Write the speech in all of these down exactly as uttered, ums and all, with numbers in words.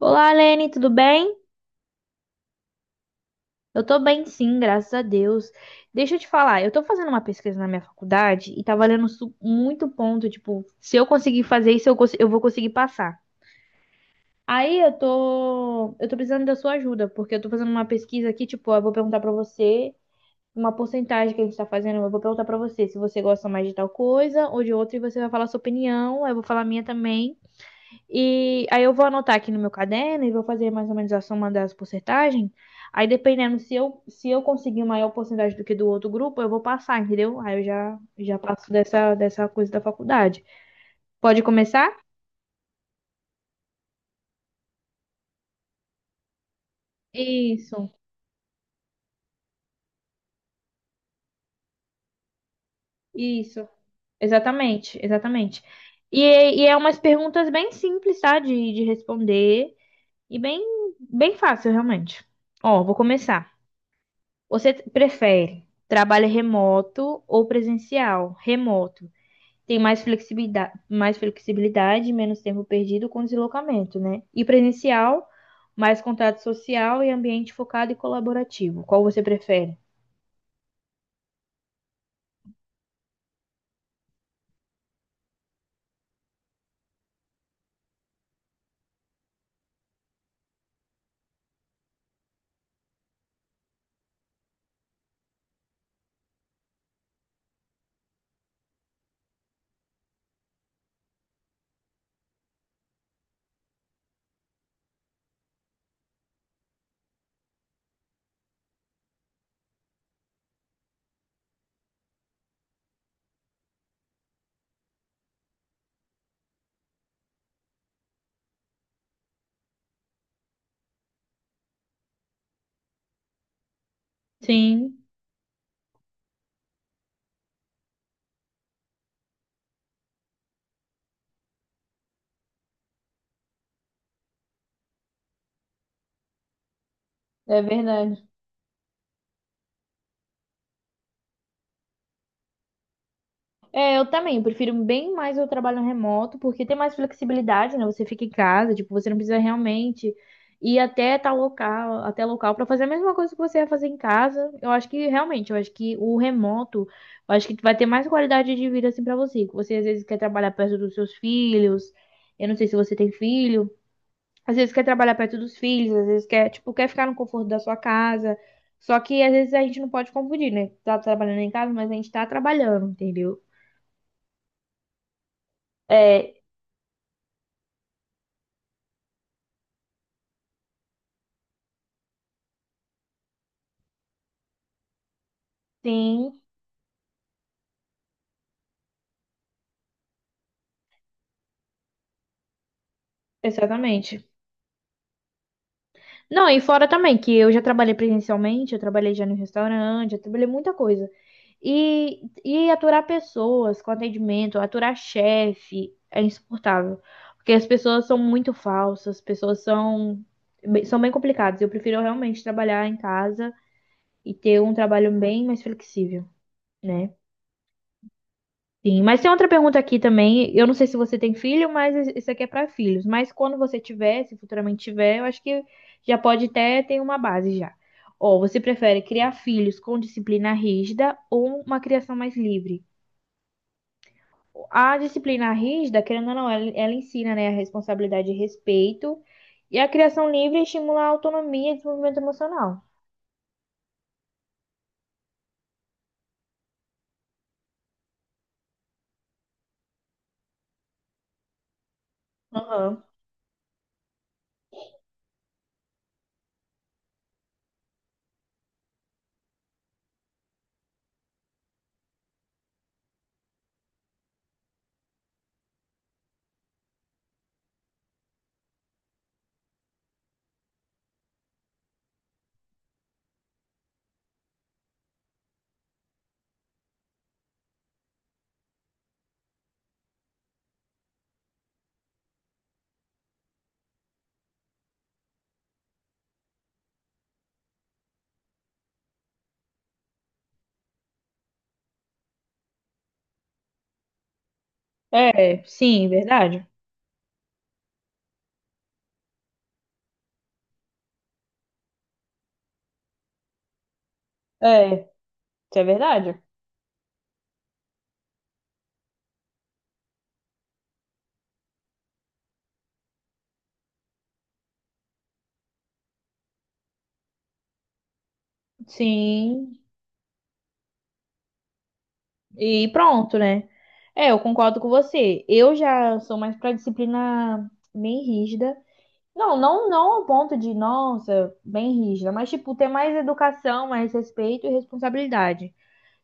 Olá, Lene, tudo bem? Eu tô bem, sim, graças a Deus. Deixa eu te falar, eu tô fazendo uma pesquisa na minha faculdade e tá valendo su- muito ponto, tipo, se eu conseguir fazer isso, eu, cons- eu vou conseguir passar. Aí eu tô, eu tô precisando da sua ajuda, porque eu tô fazendo uma pesquisa aqui, tipo, eu vou perguntar pra você uma porcentagem que a gente tá fazendo, eu vou perguntar pra você se você gosta mais de tal coisa ou de outra e você vai falar a sua opinião, aí eu vou falar a minha também. E aí eu vou anotar aqui no meu caderno e vou fazer mais ou menos a soma das porcentagens. Aí dependendo se eu, se eu conseguir maior porcentagem do que do outro grupo, eu vou passar, entendeu? Aí eu já, já passo dessa, dessa coisa da faculdade. Pode começar? Isso, isso. Exatamente, exatamente. E, e é umas perguntas bem simples, tá? De, de responder e bem, bem fácil, realmente. Ó, vou começar. Você prefere trabalho remoto ou presencial? Remoto. Tem mais flexibilidade, mais flexibilidade, menos tempo perdido com deslocamento, né? E presencial, mais contato social e ambiente focado e colaborativo. Qual você prefere? Sim, é verdade. É, eu também, eu prefiro bem mais o trabalho remoto, porque tem mais flexibilidade, né? Você fica em casa, tipo, você não precisa realmente ir até tal local, até local para fazer a mesma coisa que você ia fazer em casa. Eu acho que realmente, eu acho que o remoto, eu acho que vai ter mais qualidade de vida assim para você. Que você às vezes quer trabalhar perto dos seus filhos. Eu não sei se você tem filho. Às vezes quer trabalhar perto dos filhos, às vezes quer, tipo, quer ficar no conforto da sua casa. Só que às vezes a gente não pode confundir, né? Tá trabalhando em casa, mas a gente tá trabalhando, entendeu? É, sim, exatamente. Não, e fora também, que eu já trabalhei presencialmente, eu trabalhei já no restaurante, eu trabalhei muita coisa. E, e aturar pessoas com atendimento, aturar chefe é insuportável. Porque as pessoas são muito falsas, as pessoas são, bem- são bem complicadas. Eu prefiro realmente trabalhar em casa e ter um trabalho bem mais flexível, né? Sim, mas tem outra pergunta aqui também. Eu não sei se você tem filho, mas es- isso aqui é para filhos. Mas quando você tiver, se futuramente tiver, eu acho que já pode até ter uma base já. Ó, você prefere criar filhos com disciplina rígida ou uma criação mais livre? A disciplina rígida, querendo ou não, ela, ela ensina, né, a responsabilidade e respeito. E a criação livre estimula a autonomia e desenvolvimento emocional. Aham. É, sim, verdade. É, isso é verdade. Sim. E pronto, né? É, eu concordo com você. Eu já sou mais pra disciplina bem rígida. Não, não, não ao ponto de, nossa, bem rígida, mas tipo, ter mais educação, mais respeito e responsabilidade.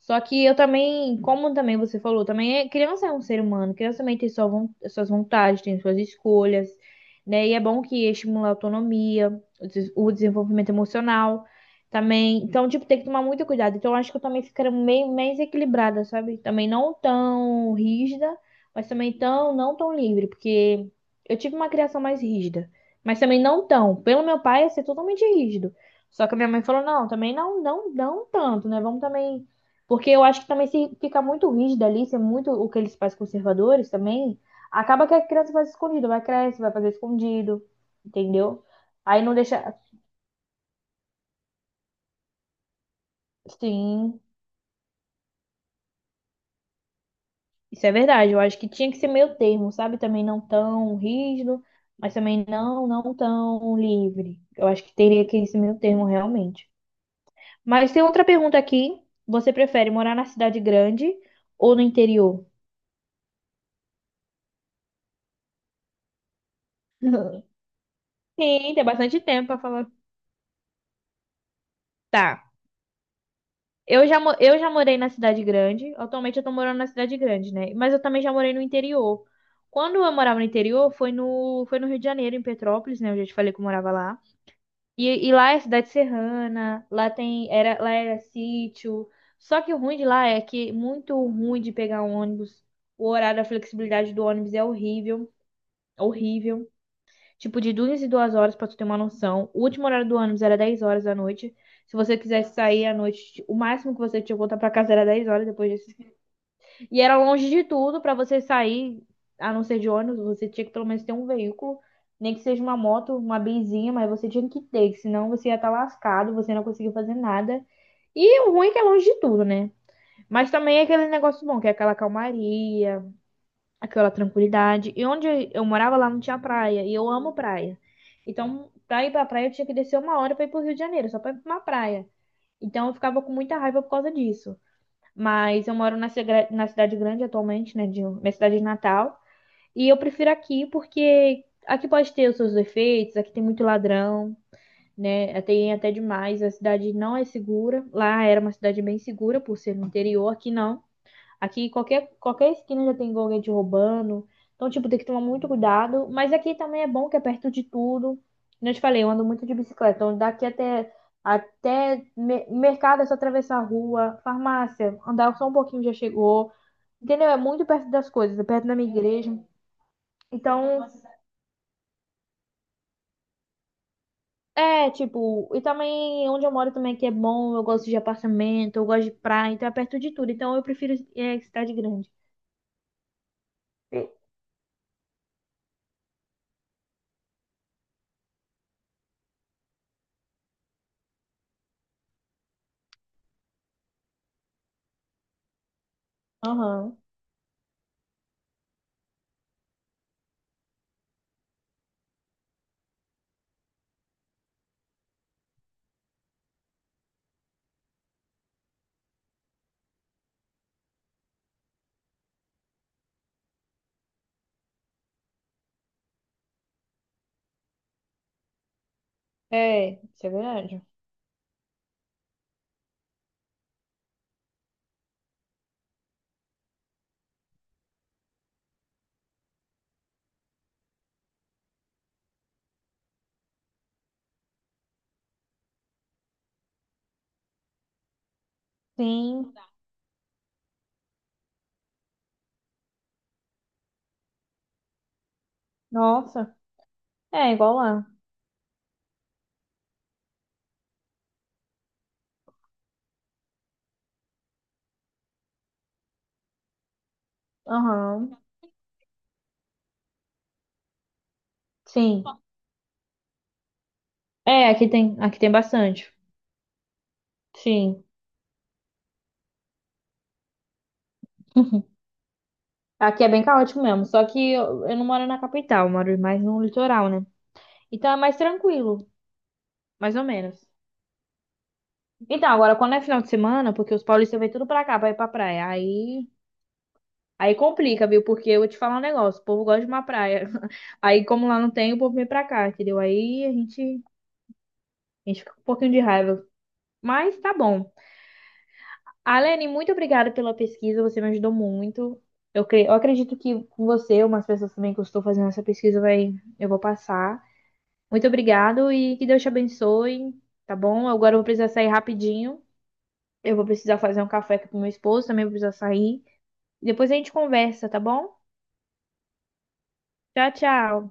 Só que eu também, como também você falou, também é, criança é um ser humano, criança também tem sua von- suas vontades, tem suas escolhas, né? E é bom que estimula a autonomia, o des- o desenvolvimento emocional também. Então, tipo, tem que tomar muito cuidado. Então, eu acho que eu também ficaria meio mais equilibrada, sabe? Também não tão rígida, mas também tão, não tão livre, porque eu tive uma criação mais rígida, mas também não tão. Pelo meu pai, ia ser totalmente rígido. Só que a minha mãe falou, não, também não, não, não tanto, né? Vamos também porque eu acho que também se fica muito rígido ali, se é muito o que eles fazem com os conservadores também, acaba que a criança faz escondido, vai crescer, vai fazer escondido, entendeu? Aí não deixa. Sim, isso é verdade. Eu acho que tinha que ser meio termo, sabe? Também não tão rígido, mas também não, não tão livre. Eu acho que teria que ser meio termo realmente. Mas tem outra pergunta aqui. Você prefere morar na cidade grande ou no interior? Sim, tem bastante tempo pra falar. Tá. Eu já, mo- eu já morei na cidade grande. Atualmente eu tô morando na cidade grande, né? Mas eu também já morei no interior. Quando eu morava no interior, foi no, foi no Rio de Janeiro, em Petrópolis, né? Eu já te falei que eu morava lá. E, e lá é cidade serrana, lá tem, era, lá era sítio. Só que o ruim de lá é que é muito ruim de pegar um ônibus. O horário, a flexibilidade do ônibus é horrível, horrível. Tipo, de duas e duas horas, pra tu ter uma noção. O último horário do ônibus era dez horas da noite. Se você quisesse sair à noite, o máximo que você tinha que voltar pra casa era dez horas depois disso. E era longe de tudo pra você sair, a não ser de ônibus, você tinha que pelo menos ter um veículo, nem que seja uma moto, uma benzinha, mas você tinha que ter, que senão você ia estar lascado, você não conseguia fazer nada. E o ruim é que é longe de tudo, né? Mas também é aquele negócio bom, que é aquela calmaria, aquela tranquilidade. E onde eu morava lá não tinha praia, e eu amo praia. Então, pra ir pra praia eu tinha que descer uma hora pra ir pro Rio de Janeiro, só pra ir pra uma praia. Então eu ficava com muita raiva por causa disso. Mas eu moro na, cigra- na cidade grande atualmente, né, de, minha cidade de Natal, e eu prefiro aqui porque aqui pode ter os seus defeitos, aqui tem muito ladrão. Né? Tem até demais, a cidade não é segura. Lá era uma cidade bem segura por ser no interior, aqui não. Aqui qualquer, qualquer esquina já tem alguém te roubando. Então, tipo, tem que tomar muito cuidado. Mas aqui também é bom que é perto de tudo. Como eu te falei, eu ando muito de bicicleta. Então, daqui até, até me- mercado é só atravessar a rua, farmácia, andar só um pouquinho já chegou. Entendeu? É muito perto das coisas, é perto da minha igreja. Então, é, tipo, e também onde eu moro também que é bom, eu gosto de apartamento, eu gosto de praia, então é perto de tudo. Então eu prefiro é, cidade grande. Aham. É, isso é verdade. Sim. Nossa. É, igual lá. Aham. Sim. É, aqui tem, aqui tem bastante. Sim. Aqui é bem caótico mesmo. Só que eu, eu não moro na capital, eu moro mais no litoral, né? Então é mais tranquilo, mais ou menos. Então, agora, quando é final de semana, porque os paulistas vêm tudo pra cá, pra ir pra praia. Aí, aí complica, viu? Porque eu vou te falar um negócio, o povo gosta de uma praia. Aí, como lá não tem, o povo vem pra cá, entendeu? Aí a gente, a gente fica com um pouquinho de raiva. Mas tá bom. Alene, muito obrigada pela pesquisa, você me ajudou muito. Eu, cre- eu acredito que com você, umas pessoas também que eu estou fazendo essa pesquisa, vai... eu vou passar. Muito obrigado e que Deus te abençoe, tá bom? Agora eu vou precisar sair rapidinho. Eu vou precisar fazer um café aqui pro meu esposo, também vou precisar sair. Depois a gente conversa, tá bom? Tchau, tchau.